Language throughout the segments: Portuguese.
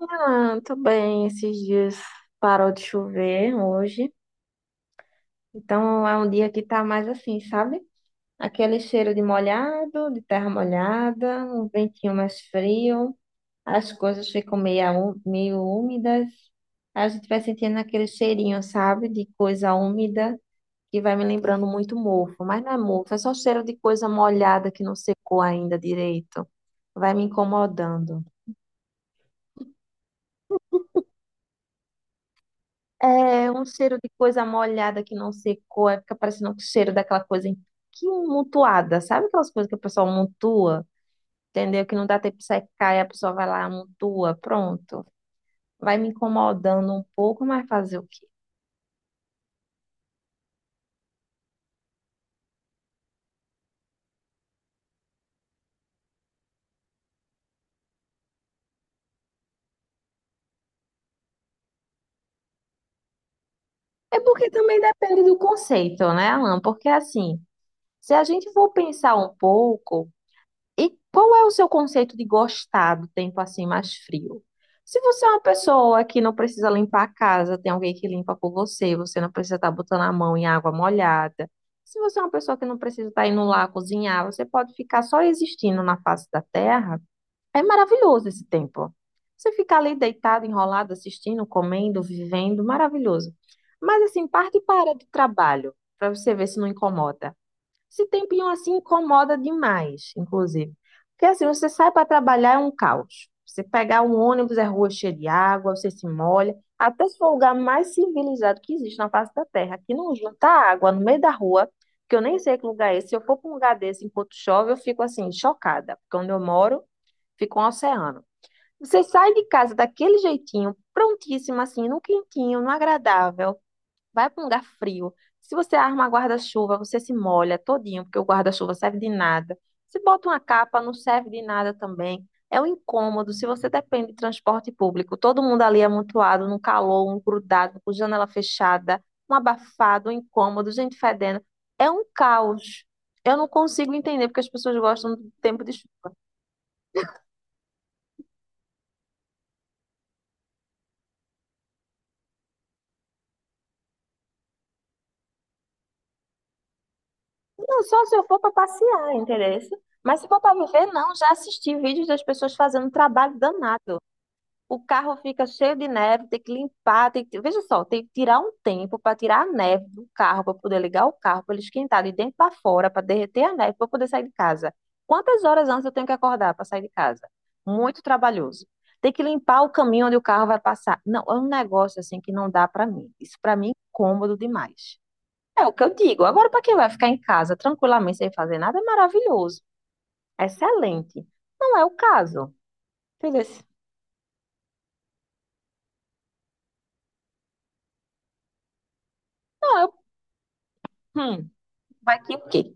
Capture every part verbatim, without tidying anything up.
Ah, tô bem. Esses dias parou de chover hoje. Então é um dia que tá mais assim, sabe? Aquele cheiro de molhado, de terra molhada, um ventinho mais frio, as coisas ficam meio, ú- meio úmidas. A gente vai sentindo aquele cheirinho, sabe? De coisa úmida, que vai me lembrando muito mofo. Mas não é mofo, é só cheiro de coisa molhada que não secou ainda direito. Vai me incomodando. É um cheiro de coisa molhada que não secou, aí fica parecendo o cheiro daquela coisa em- que amontoada, sabe aquelas coisas que a pessoa amontoa, entendeu? Que não dá tempo de secar e a pessoa vai lá, amontoa, pronto. Vai me incomodando um pouco, mas fazer o quê? É porque também depende do conceito, né, Alan? Porque assim, se a gente for pensar um pouco. E qual é o seu conceito de gostar do tempo assim mais frio? Se você é uma pessoa que não precisa limpar a casa, tem alguém que limpa por você, você não precisa estar botando a mão em água molhada. Se você é uma pessoa que não precisa estar indo lá cozinhar, você pode ficar só existindo na face da terra. É maravilhoso esse tempo. Você ficar ali deitado, enrolado, assistindo, comendo, vivendo, maravilhoso. Mas assim, parte e para do trabalho, para você ver se não incomoda. Esse tempinho assim incomoda demais, inclusive. Porque assim, você sai para trabalhar é um caos. Você pegar um ônibus, é rua cheia de água, você se molha. Até se for o lugar mais civilizado que existe na face da Terra, que não junta água no meio da rua, que eu nem sei que lugar é esse. Se eu for para um lugar desse enquanto chove, eu fico assim, chocada. Porque onde eu moro, fica um oceano. Você sai de casa daquele jeitinho, prontíssimo assim, num quentinho, num agradável. Vai para um lugar frio. Se você arma guarda-chuva, você se molha todinho, porque o guarda-chuva serve de nada. Se bota uma capa, não serve de nada também. É um incômodo. Se você depende de transporte público, todo mundo ali amontoado, num calor, um grudado, com janela fechada, um abafado, um incômodo, gente fedendo. É um caos. Eu não consigo entender porque as pessoas gostam do tempo de chuva. Não, só se eu for para passear, interessa. Mas se for para viver, não. Já assisti vídeos das pessoas fazendo trabalho danado. O carro fica cheio de neve, tem que limpar, tem que... Veja só, tem que tirar um tempo para tirar a neve do carro, para poder ligar o carro, para ele esquentar de dentro para fora, para derreter a neve, para poder sair de casa. Quantas horas antes eu tenho que acordar para sair de casa? Muito trabalhoso. Tem que limpar o caminho onde o carro vai passar. Não, é um negócio assim que não dá para mim. Isso para mim é incômodo demais. É o que eu digo. Agora, para quem vai ficar em casa tranquilamente sem fazer nada, é maravilhoso. Excelente. Não é o caso. Beleza. Não, eu... Hum, vai que o quê?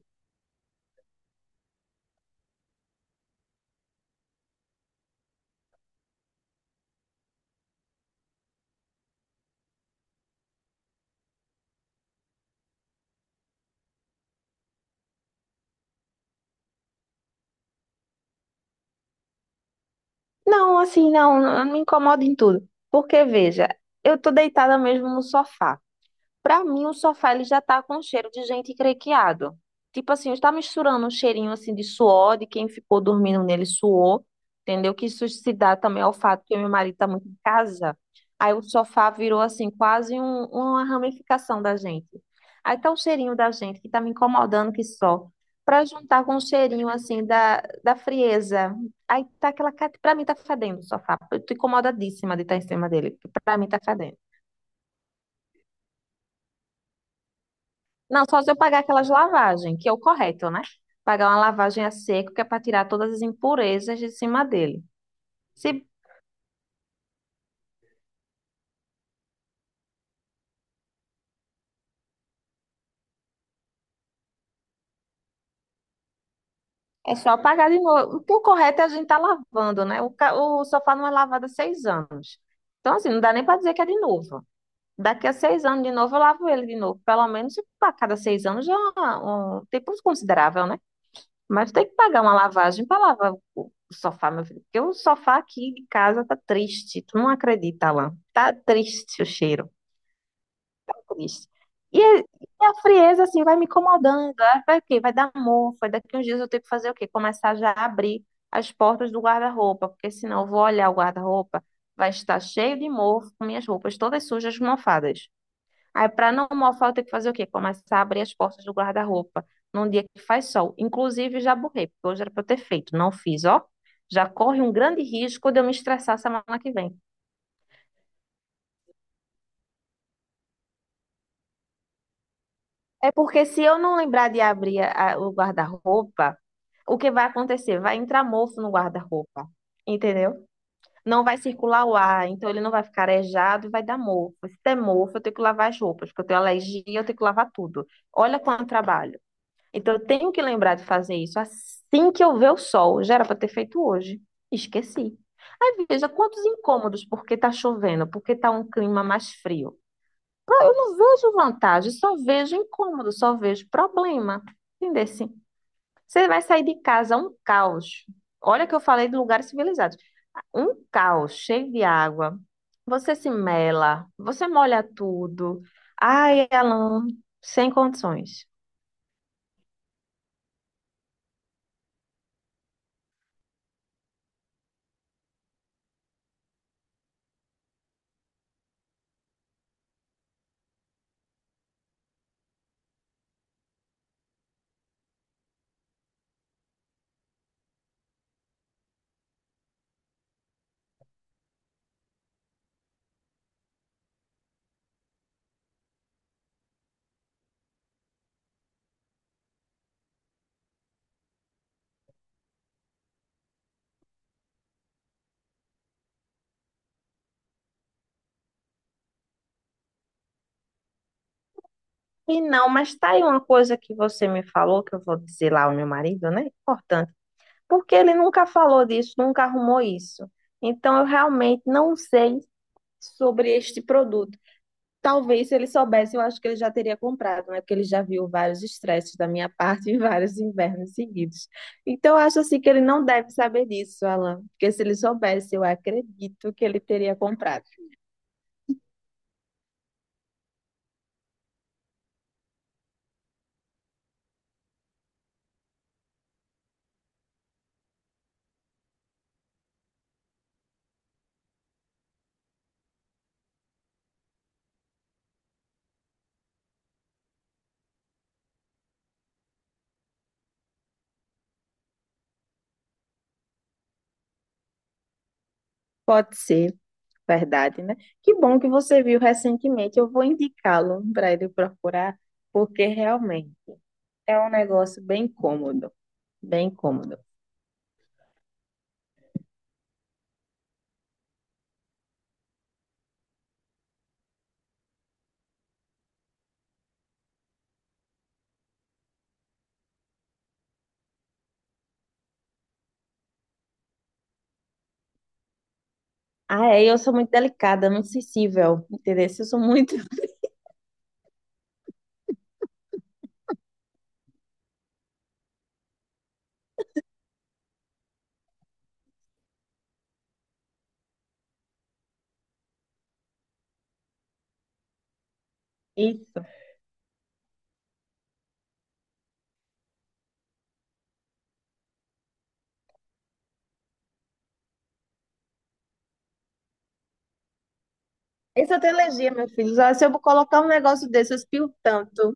Não, assim, não, não me incomoda em tudo. Porque, veja, eu tô deitada mesmo no sofá. Pra mim, o sofá ele já tá com cheiro de gente crequeado. Tipo assim, está misturando um cheirinho assim de suor, de quem ficou dormindo nele suou, entendeu? Que isso se dá também ao fato que meu marido tá muito em casa. Aí o sofá virou assim quase um- uma ramificação da gente. Aí tá o cheirinho da gente que tá me incomodando que só. Pra juntar com o cheirinho assim da, da frieza. Aí tá aquela, para mim tá fedendo o sofá. Eu tô incomodadíssima de estar em cima dele. porque Pra mim tá fedendo. Não, só se eu pagar aquelas lavagens, que é o correto, né? Pagar uma lavagem a seco, que é para tirar todas as impurezas de cima dele. Se é só pagar de novo. Porque o correto é a gente tá lavando, né? O, ca- o sofá não é lavado há seis anos. Então, assim, não dá nem para dizer que é de novo. Daqui a seis anos, de novo, eu lavo ele de novo. Pelo menos a cada seis anos já é um um tempo considerável, né? Mas tem que pagar uma lavagem para lavar o o sofá, meu filho. Porque o sofá aqui de casa tá triste. Tu não acredita, Alan. Tá triste o cheiro. Triste. E é- e a frieza, assim, vai me incomodando. Aí vai o quê? Vai dar mofa. Daqui uns dias eu tenho que fazer o quê? Começar já a abrir as portas do guarda-roupa, porque senão eu vou olhar o guarda-roupa, vai estar cheio de mofo, com minhas roupas todas sujas, mofadas. Aí, para não mofar, eu tenho que fazer o quê? Começar a abrir as portas do guarda-roupa num dia que faz sol. Inclusive, já borrei, porque hoje era para eu ter feito, não fiz, ó. Já corre um grande risco de eu me estressar semana que vem. É porque se eu não lembrar de abrir a- o guarda-roupa, o que vai acontecer? Vai entrar mofo no guarda-roupa, entendeu? Não vai circular o ar, então ele não vai ficar arejado e vai dar mofo. Se der mofo, eu tenho que lavar as roupas, porque eu tenho alergia, eu tenho que lavar tudo. Olha quanto trabalho. Então eu tenho que lembrar de fazer isso assim que eu ver o sol. Já era para ter feito hoje. Esqueci. Aí veja quantos incômodos, porque tá chovendo, porque tá um clima mais frio. Eu não vejo vantagem, só vejo incômodo, só vejo problema. Entendeu assim? Você vai sair de casa um caos. Olha que eu falei de lugares civilizados. Um caos cheio de água. Você se mela, você molha tudo. Ai, Alan, sem condições. E não, mas tá aí uma coisa que você me falou, que eu vou dizer lá ao meu marido, né? Importante. Porque ele nunca falou disso, nunca arrumou isso. Então eu realmente não sei sobre este produto. Talvez se ele soubesse, eu acho que ele já teria comprado, né? Porque ele já viu vários estresses da minha parte e vários invernos seguidos. Então, eu acho assim que ele não deve saber disso, Alan. Porque se ele soubesse, eu acredito que ele teria comprado. Pode ser, verdade, né? Que bom que você viu recentemente. Eu vou indicá-lo para ele procurar, porque realmente é um negócio bem cômodo, bem cômodo. Ah, é, eu sou muito delicada, muito sensível, entendeu? Eu sou muito. E isso eu tenho alergia, meu filho. Já, se eu colocar um negócio desse, eu espirro tanto,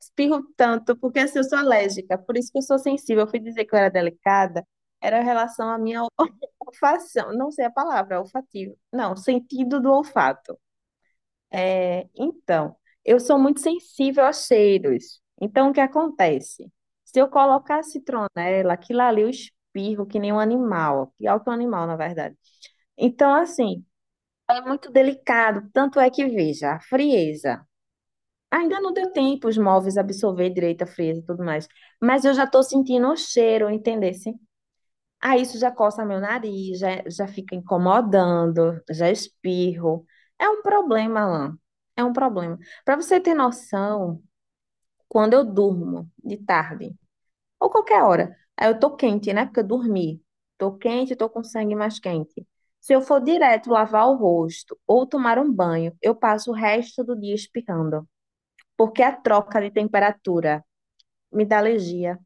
espirro tanto, porque assim, eu sou alérgica, por isso que eu sou sensível. Eu fui dizer que eu era delicada, era em relação à minha olfação, não sei a palavra, olfativo. Não, sentido do olfato. É, então, eu sou muito sensível a cheiros. Então, o que acontece? Se eu colocar citronela, aquilo ali eu espirro que nem um animal, pior que um animal, na verdade. Então, assim, é muito delicado, tanto é que veja, a frieza. Ainda não deu tempo os móveis absorver direito a frieza e tudo mais. Mas eu já tô sentindo o cheiro, entendesse? Ah, isso já coça meu nariz, já, já fica incomodando, já espirro. É um problema, Alan. É um problema. Para você ter noção, quando eu durmo de tarde, ou qualquer hora, aí eu tô quente, né? Porque eu dormi. Tô quente, tô com sangue mais quente. Se eu for direto lavar o rosto ou tomar um banho, eu passo o resto do dia espirrando porque a troca de temperatura me dá alergia.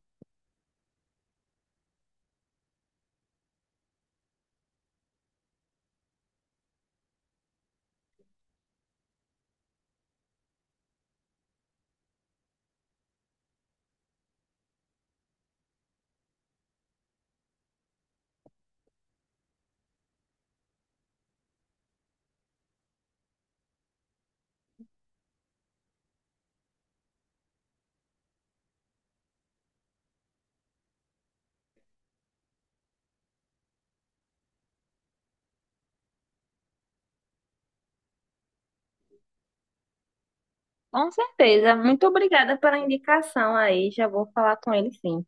Com certeza. Muito obrigada pela indicação aí. Já vou falar com ele sim.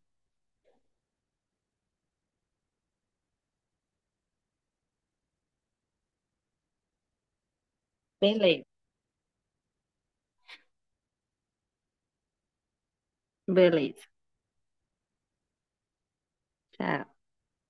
Beleza, beleza. Tchau.